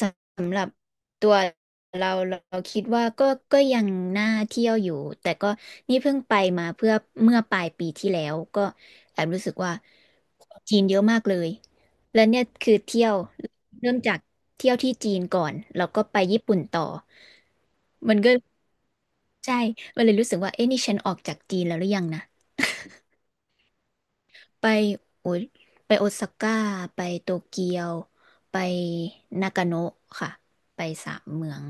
สำหรับตัวเราคิดว่าก็ยังน่าเที่ยวอยู่แต่ก็นี่เพิ่งไปมาเพื่อเมื่อปลายปีที่แล้วก็แอบรู้สึกว่าของจีนเยอะมากเลยแล้วเนี่ยคือเที่ยวเริ่มจากเที่ยวที่จีนก่อนแล้วก็ไปญี่ปุ่นต่อมันก็ใช่มันเลยรู้สึกว่าเอ๊ะนี่ฉันออกจากจีนแล้วหรือยังนะไปโอ้ยไปโอซาก้าไปโตเกียวไปนากาโนะค่ะไปสามเมือง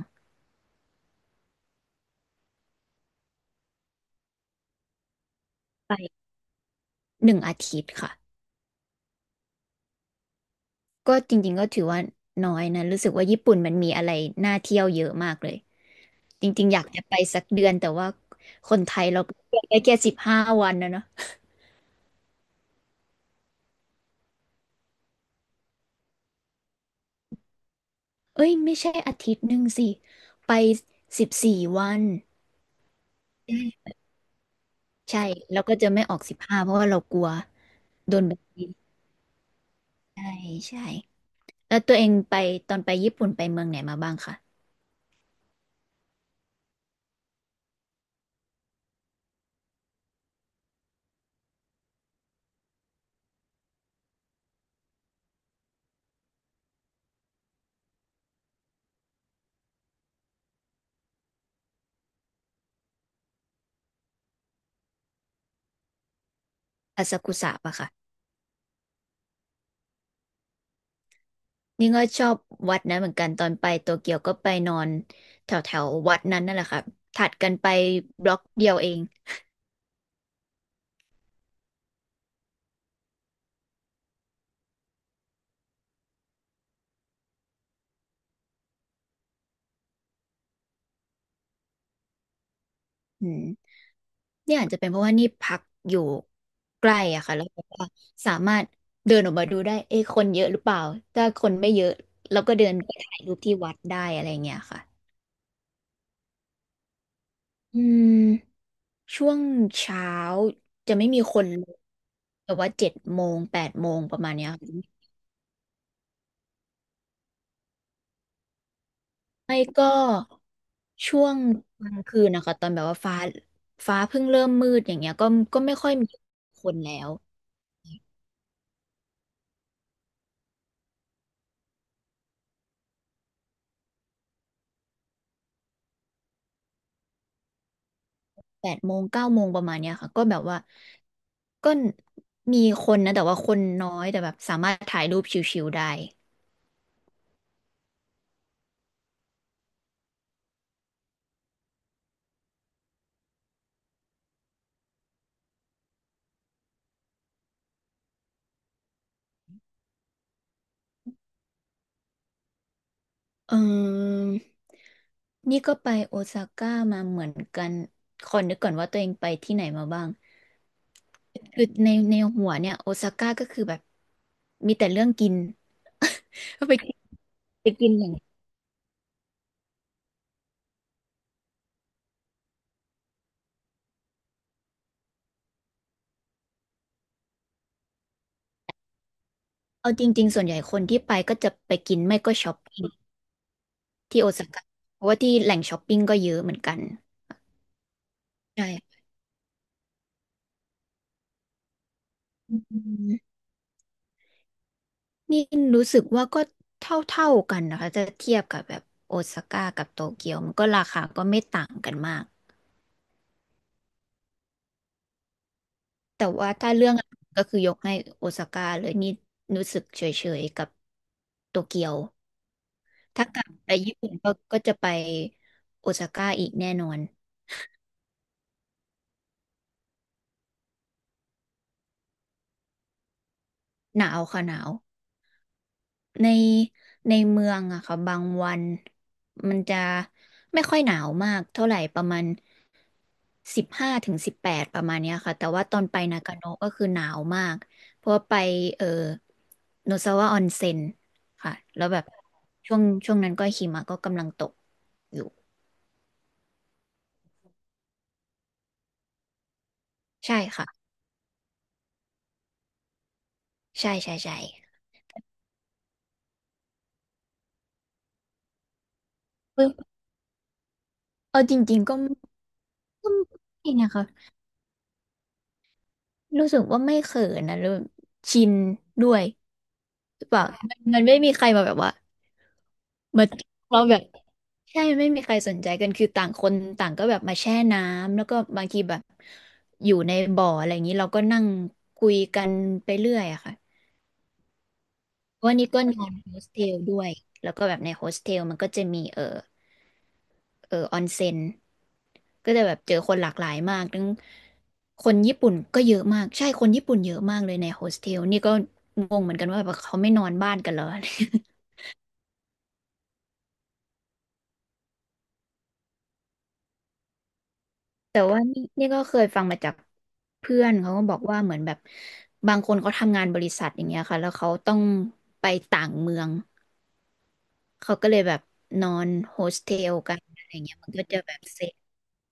ไป 1 อาทิตย์ค่ะก็จริงๆก็ถือว่าน้อยนะรู้สึกว่าญี่ปุ่นมันมีอะไรน่าเที่ยวเยอะมากเลยจริงๆอยากจะไปสักเดือนแต่ว่าคนไทยเราก็ไปได้แค่15 วันนะเนาะเอ้ยไม่ใช่อาทิตย์หนึ่งสิไป14 วันอืมใช่แล้วก็จะไม่ออกสิบห้าเพราะว่าเรากลัวโดนแบบนี้ใช่ใช่แล้วตัวเองไปตอนไปญี่ปุ่นไปเมืองไหนมาบ้างคะอาซากุสะปะคะ นี่ก็ชอบวัดนั้นเหมือนกันตอนไปโตเกียวก็ไปนอนแถวแถววัดนั้นนั่นแหละค่ะถัดกันไปบล็อกเดียวเองอืมเนี่ยอาจจะเป็นเพราะว่านี่พักอยู่ใกล้อะค่ะแล้วแบบว่าสามารถเดินออกมาดูได้เอ๊ะคนเยอะหรือเปล่าถ้าคนไม่เยอะเราก็เดินไปถ่ายรูปที่วัดได้อะไรเงี้ยค่ะอืมช่วงเช้าจะไม่มีคนเลยแต่ว่า7 โมง 8 โมงประมาณเนี้ยค่ะ ไม่ก็ช่วงกลางคืนนะคะตอนแบบว่าฟ้าเพิ่งเริ่มมืดอย่างเงี้ยก็ก็ไม่ค่อยมีคนแล้ว8 โมง 9 โมงประมาณเนี้ยค่ะก็แบบว่าก็มีคนนะแต่ว่าคนน้อยแต่แบบสามารถถ่ายรูปชิวๆได้เออนี่ก็ไปโอซาก้ามาเหมือนกันขอนึกก่อนว่าตัวเองไปที่ไหนมาบ้างคือในหัวเนี่ยโอซาก้าก็คือแบบมีแต่เรื่องกิน ก็ไปกินไปกินอย่าง เอาจริงๆส่วนใหญ่คนที่ไปก็จะไปกินไม่ก็ช้อปปิ้งที่โอซาก้าเพราะว่าที่แหล่งช้อปปิ้งก็เยอะเหมือนกันใช่อืมนี่รู้สึกว่าก็เท่าๆกันนะคะจะเทียบกับแบบโอซาก้ากับโตเกียวมันก็ราคาก็ไม่ต่างกันมากแต่ว่าถ้าเรื่องอาหารก็คือยกให้โอซาก้าเลยนี่รู้สึกเฉยๆกับโตเกียวถ้ากลับไปญี่ปุ่นก็ก็จะไปโอซาก้าอีกแน่นอนหนาวค่ะหนาว ในในเมืองอะค่ะบางวันมันจะไม่ค่อยหนาวมากเท่าไหร่ประมาณ15 ถึง 18ประมาณเนี้ยค่ะแต่ว่าตอนไปนากาโนะก็คือหนาวมากเพราะว่าไปเออโนซาวะออนเซ็นค่ะแล้วแบบช่วงนั้นก็หิมะก็กำลังตกอยู่ใช่ค่ะใช่ใช่ใช่เออเอาจริงๆก็ก็ไม่นะคะรู้สึกว่าไม่เขินนะรู้ชินด้วยหรือเปล่ามันมันไม่มีใครมาแบบว่ามาเราแบบ ใช่ไม่มีใครสนใจกันคือต่างคนต่างก็แบบมาแช่น้ำแล้วก็บางทีแบบอยู่ในบ่ออะไรอย่างนี้เราก็นั่งคุยกันไปเรื่อยอะค่ะเพราะว่านี่ก็นอน โฮสเทลด้วยแล้วก็แบบในโฮสเทลมันก็จะมีออนเซ็นก็จะแบบเจอคนหลากหลายมากทั้งคนญี่ปุ่นก็เยอะมากใช่คนญี่ปุ่นเยอะมากเลยในโฮสเทลนี่ก็งงเหมือนกันว่าแบบเขาไม่นอนบ้านกันเหรอ แต่ว่านี่ก็เคยฟังมาจากเพื่อนเขาก็บอกว่าเหมือนแบบบางคนเขาทำงานบริษัทอย่างเงี้ยค่ะแล้วเขาต้องไปต่างเมืองเขาก็เลยแบบนอนโฮสเทลกันอะไรเงี้ยมันก็จะแบบเซฟ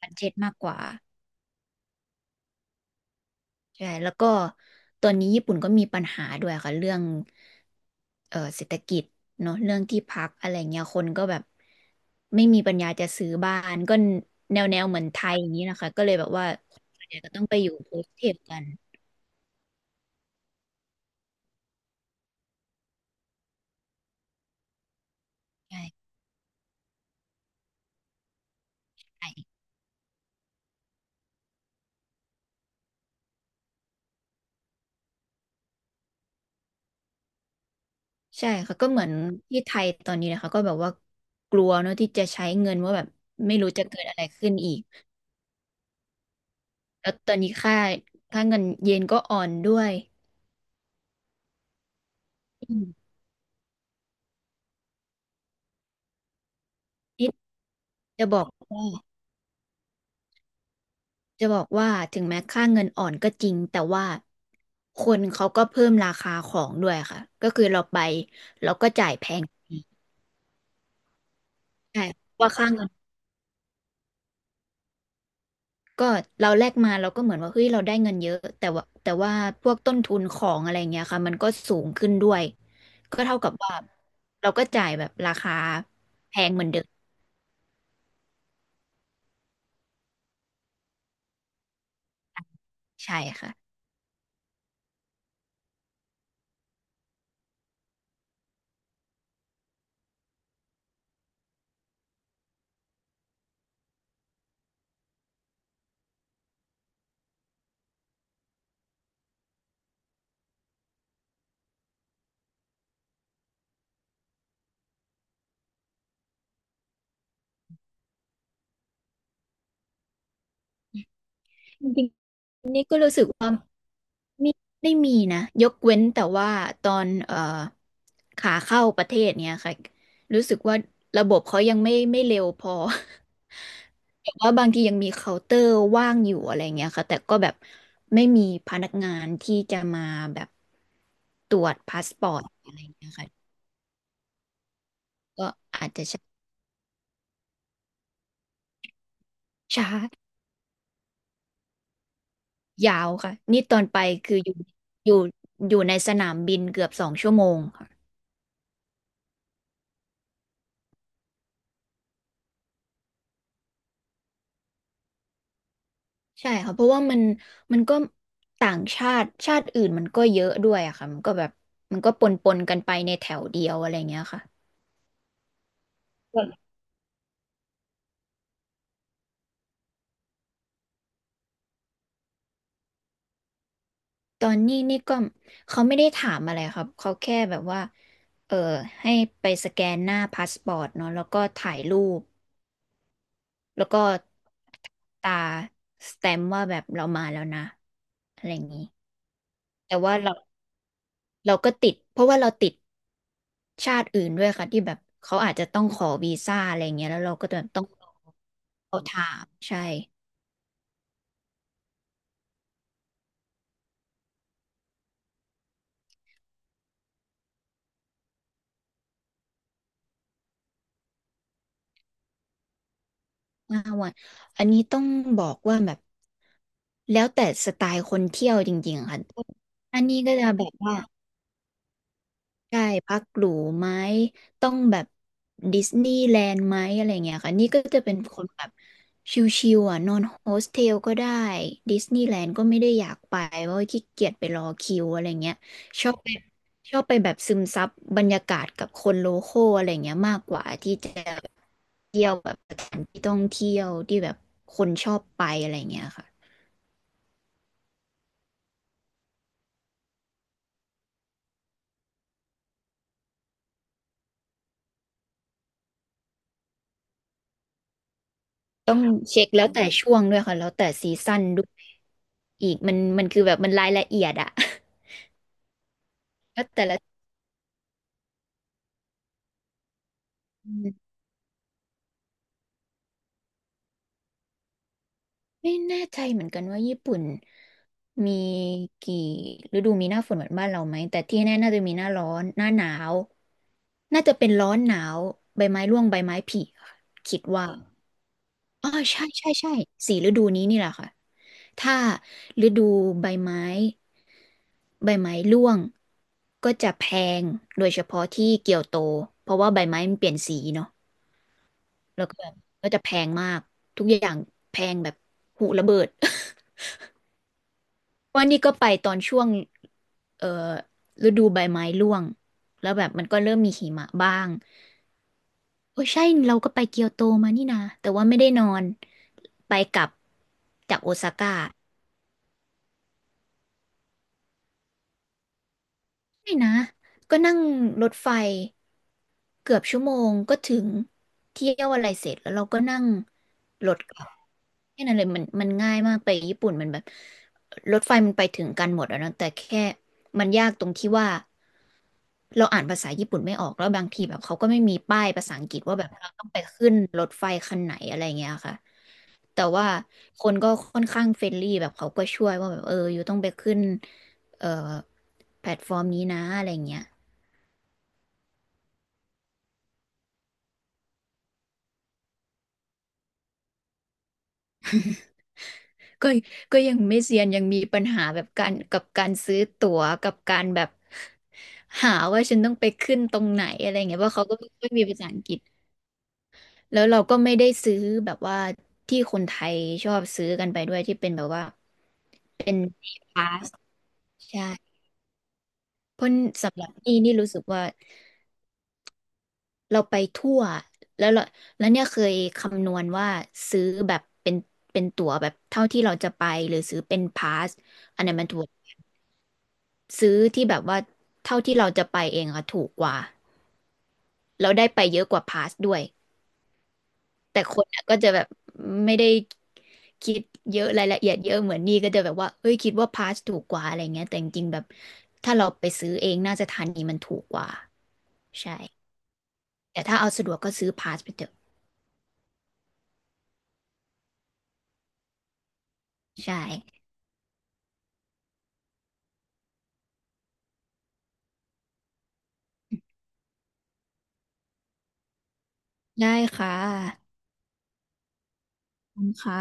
บัดเจ็ตมากกว่าใช่แล้วก็ตอนนี้ญี่ปุ่นก็มีปัญหาด้วยค่ะเรื่องเศรษฐกิจเนาะเรื่องที่พักอะไรเงี้ยคนก็แบบไม่มีปัญญาจะซื้อบ้านก็แนวแนวเหมือนไทยอย่างนี้นะคะก็เลยแบบว่าส่วนใหญ่ก็ต้องไปอยู่โฮสเทลกันใช่ ใช่ค่ะก็เหมือนที่ไทยตอนนี้นะคะก็แบบว่ากลัวเนอะที่จะใช้เงินว่าแบบไม่รู้จะเกิดอะไรขึ้นอีกแล้วตอนนี้ค่าเงินเยนก็อ่อนด้วยอืมนี่จะบอกว่าจะบอกว่าถึงแม้ค่าเงินอ่อนก็จริงแต่ว่าคนเขาก็เพิ่มราคาของด้วยค่ะก็คือเราไปเราก็จ่ายแพงใช่ว่าค่าเงิน ก็เราแลกมาเราก็เหมือนว่าเฮ้ยเราได้เงินเยอะแต่ว่าพวกต้นทุนของอะไรเงี้ยค่ะมันก็สูงขึ้นด้วยก็เท่ากับว่าเราก็จ่ายแบบราคาแพงเหมือนเดิมใช่ค่ะจริงๆนี่ก็รู้สึกว่าไม่ได้มีนะยกเว้นแต่ว่าตอนขาเข้าประเทศเนี้ยค่ะรู้สึกว่าระบบเขายังไม่เร็วพอ แบว่าบางทียังมีเคาน์เตอร์ว่างอยู่อะไรเงี้ยค่ะแต่ก็แบบไม่มีพนักงานที่จะมาแบบตรวจพาสปอร์ตอะไรเงี้ยค่ะก็ช้ายาวค่ะนี่ตอนไปคืออยู่อยู่ในสนามบินเกือบ2 ชั่วโมงค่ะใช่ค่ะเพราะว่ามันมันก็ต่างชาติชาติอื่นมันก็เยอะด้วยอะค่ะมันก็แบบมันก็ปนกันไปในแถวเดียวอะไรเงี้ยค่ะ ตอนนี้นี่ก็เขาไม่ได้ถามอะไรครับเขาแค่แบบว่าเออให้ไปสแกนหน้าพาสปอร์ตเนาะแล้วก็ถ่ายรูปแล้วก็ตาสแตมป์ว่าแบบเรามาแล้วนะอะไรอย่างนี้แต่ว่าเราก็ติดเพราะว่าเราติดชาติอื่นด้วยค่ะที่แบบเขาอาจจะต้องขอวีซ่าอะไรอย่างเงี้ยแล้วเราก็จต้องเขาถามใช่ 5 วันอันนี้ต้องบอกว่าแบบแล้วแต่สไตล์คนเที่ยวจริงๆอะค่ะอันนี้ก็จะแบบว่าได้พักหรูไหมต้องแบบดิสนีย์แลนด์ไหมอะไรเงี้ยค่ะนี่ก็จะเป็นคนแบบชิวๆอ่ะนอนโฮสเทลก็ได้ดิสนีย์แลนด์ก็ไม่ได้อยากไปเพราะว่าขี้เกียจไปรอคิวอะไรเงี้ยชอบไปชอบไปแบบซึมซับบรรยากาศกับคนโลคอลอะไรเงี้ยมากกว่าที่จะ เที่ยวแบบสถานที่ท่องเที่ยวที่แบบคนชอบไปอะไรเงี้ยค่ะต้องเช็คแล้วแต่ช่วงด้วยค่ะแล้วแต่ซีซั่นด้วยอีกมันคือแบบมันรายละเอียดอะ แล้วแต่ละอืมไม่แน่ใจเหมือนกันว่าญี่ปุ่นมีกี่ฤดูมีหน้าฝนเหมือนบ้านเราไหมแต่ที่แน่น่าจะมีหน้าร้อนหน้าหนาวน่าจะเป็นร้อนหนาวใบไม้ร่วงใบไม้ผลิค่ะคิดว่าอ๋อใช่ใช่ใช่4 ฤดูนี้นี่แหละค่ะถ้าฤดูใบไม้ ใบไม้ร่วงก็จะแพงโดยเฉพาะที่เกียวโตเพราะว่าใบไม้มันเปลี่ยนสีเนาะแล้วก็แบบก็จะแพงมากทุกอย่างแพงแบบหูระเบิด วันนี้ก็ไปตอนช่วงเอ่อฤดูใบไม้ร่วงแล้วแบบมันก็เริ่มมีหิมะบ้างโอ้ใช่เราก็ไปเกียวโตมานี่นะแต่ว่าไม่ได้นอนไปกลับจากโอซาก้าใช่นะก็นั่งรถไฟ เกือบชั่วโมงก็ถึงเที่ยวอะไรเสร็จแล้วเราก็นั่งรถกลับแค่นั้นเลยมันง่ายมากไปญี่ปุ่นมันแบบรถไฟมันไปถึงกันหมดอะเนอะแต่แค่มันยากตรงที่ว่าเราอ่านภาษาญี่ปุ่นไม่ออกแล้วบางทีแบบเขาก็ไม่มีป้ายภาษาอังกฤษว่าแบบเราต้องไปขึ้นรถไฟคันไหนอะไรเงี้ยค่ะแต่ว่าคนก็ค่อนข้างเฟรนลี่แบบเขาก็ช่วยว่าแบบเอออยู่ต้องไปขึ้นเอ่อแพลตฟอร์มนี้นะอะไรเงี้ย ก็ก็ยังไม่เซียนยังมีปัญหาแบบการกับการซื้อตั๋วกับการแบบหาว่าฉันต้องไปขึ้นตรงไหนอะไรเงี้ยเพราะเขาก็ไม่ค่อยมีภาษาอังกฤษแล้วเราก็ไม่ได้ซื้อแบบว่าที่คนไทยชอบซื้อกันไปด้วยที่เป็นแบบว่าเป็นพาสใช่เพราะสำหรับนี่นี่รู้สึกว่าเราไปทั่วแล้วเราแล้วเนี่ยเคยคำนวณว่าซื้อแบบเป็นตั๋วแบบเท่าที่เราจะไปหรือซื้อเป็นพาสอันนั้นมันถูก ซื้อที่แบบว่าเท่าที่เราจะไปเองอะถูกกว่าเราได้ไปเยอะกว่าพาสด้วยแต่คนอะก็จะแบบไม่ได้คิดเยอะรายละเอียดเยอะเหมือนนี่ก็จะแบบว่าเอ้ยคิดว่าพาสถูกกว่าอะไรเงี้ยแต่จริงๆแบบถ้าเราไปซื้อเองน่าจะทันนี้มันถูกกว่าใช่แต่ถ้าเอาสะดวกก็ซื้อพาสไปเถอะใช่ได้ค่ะขอบคุณค่ะ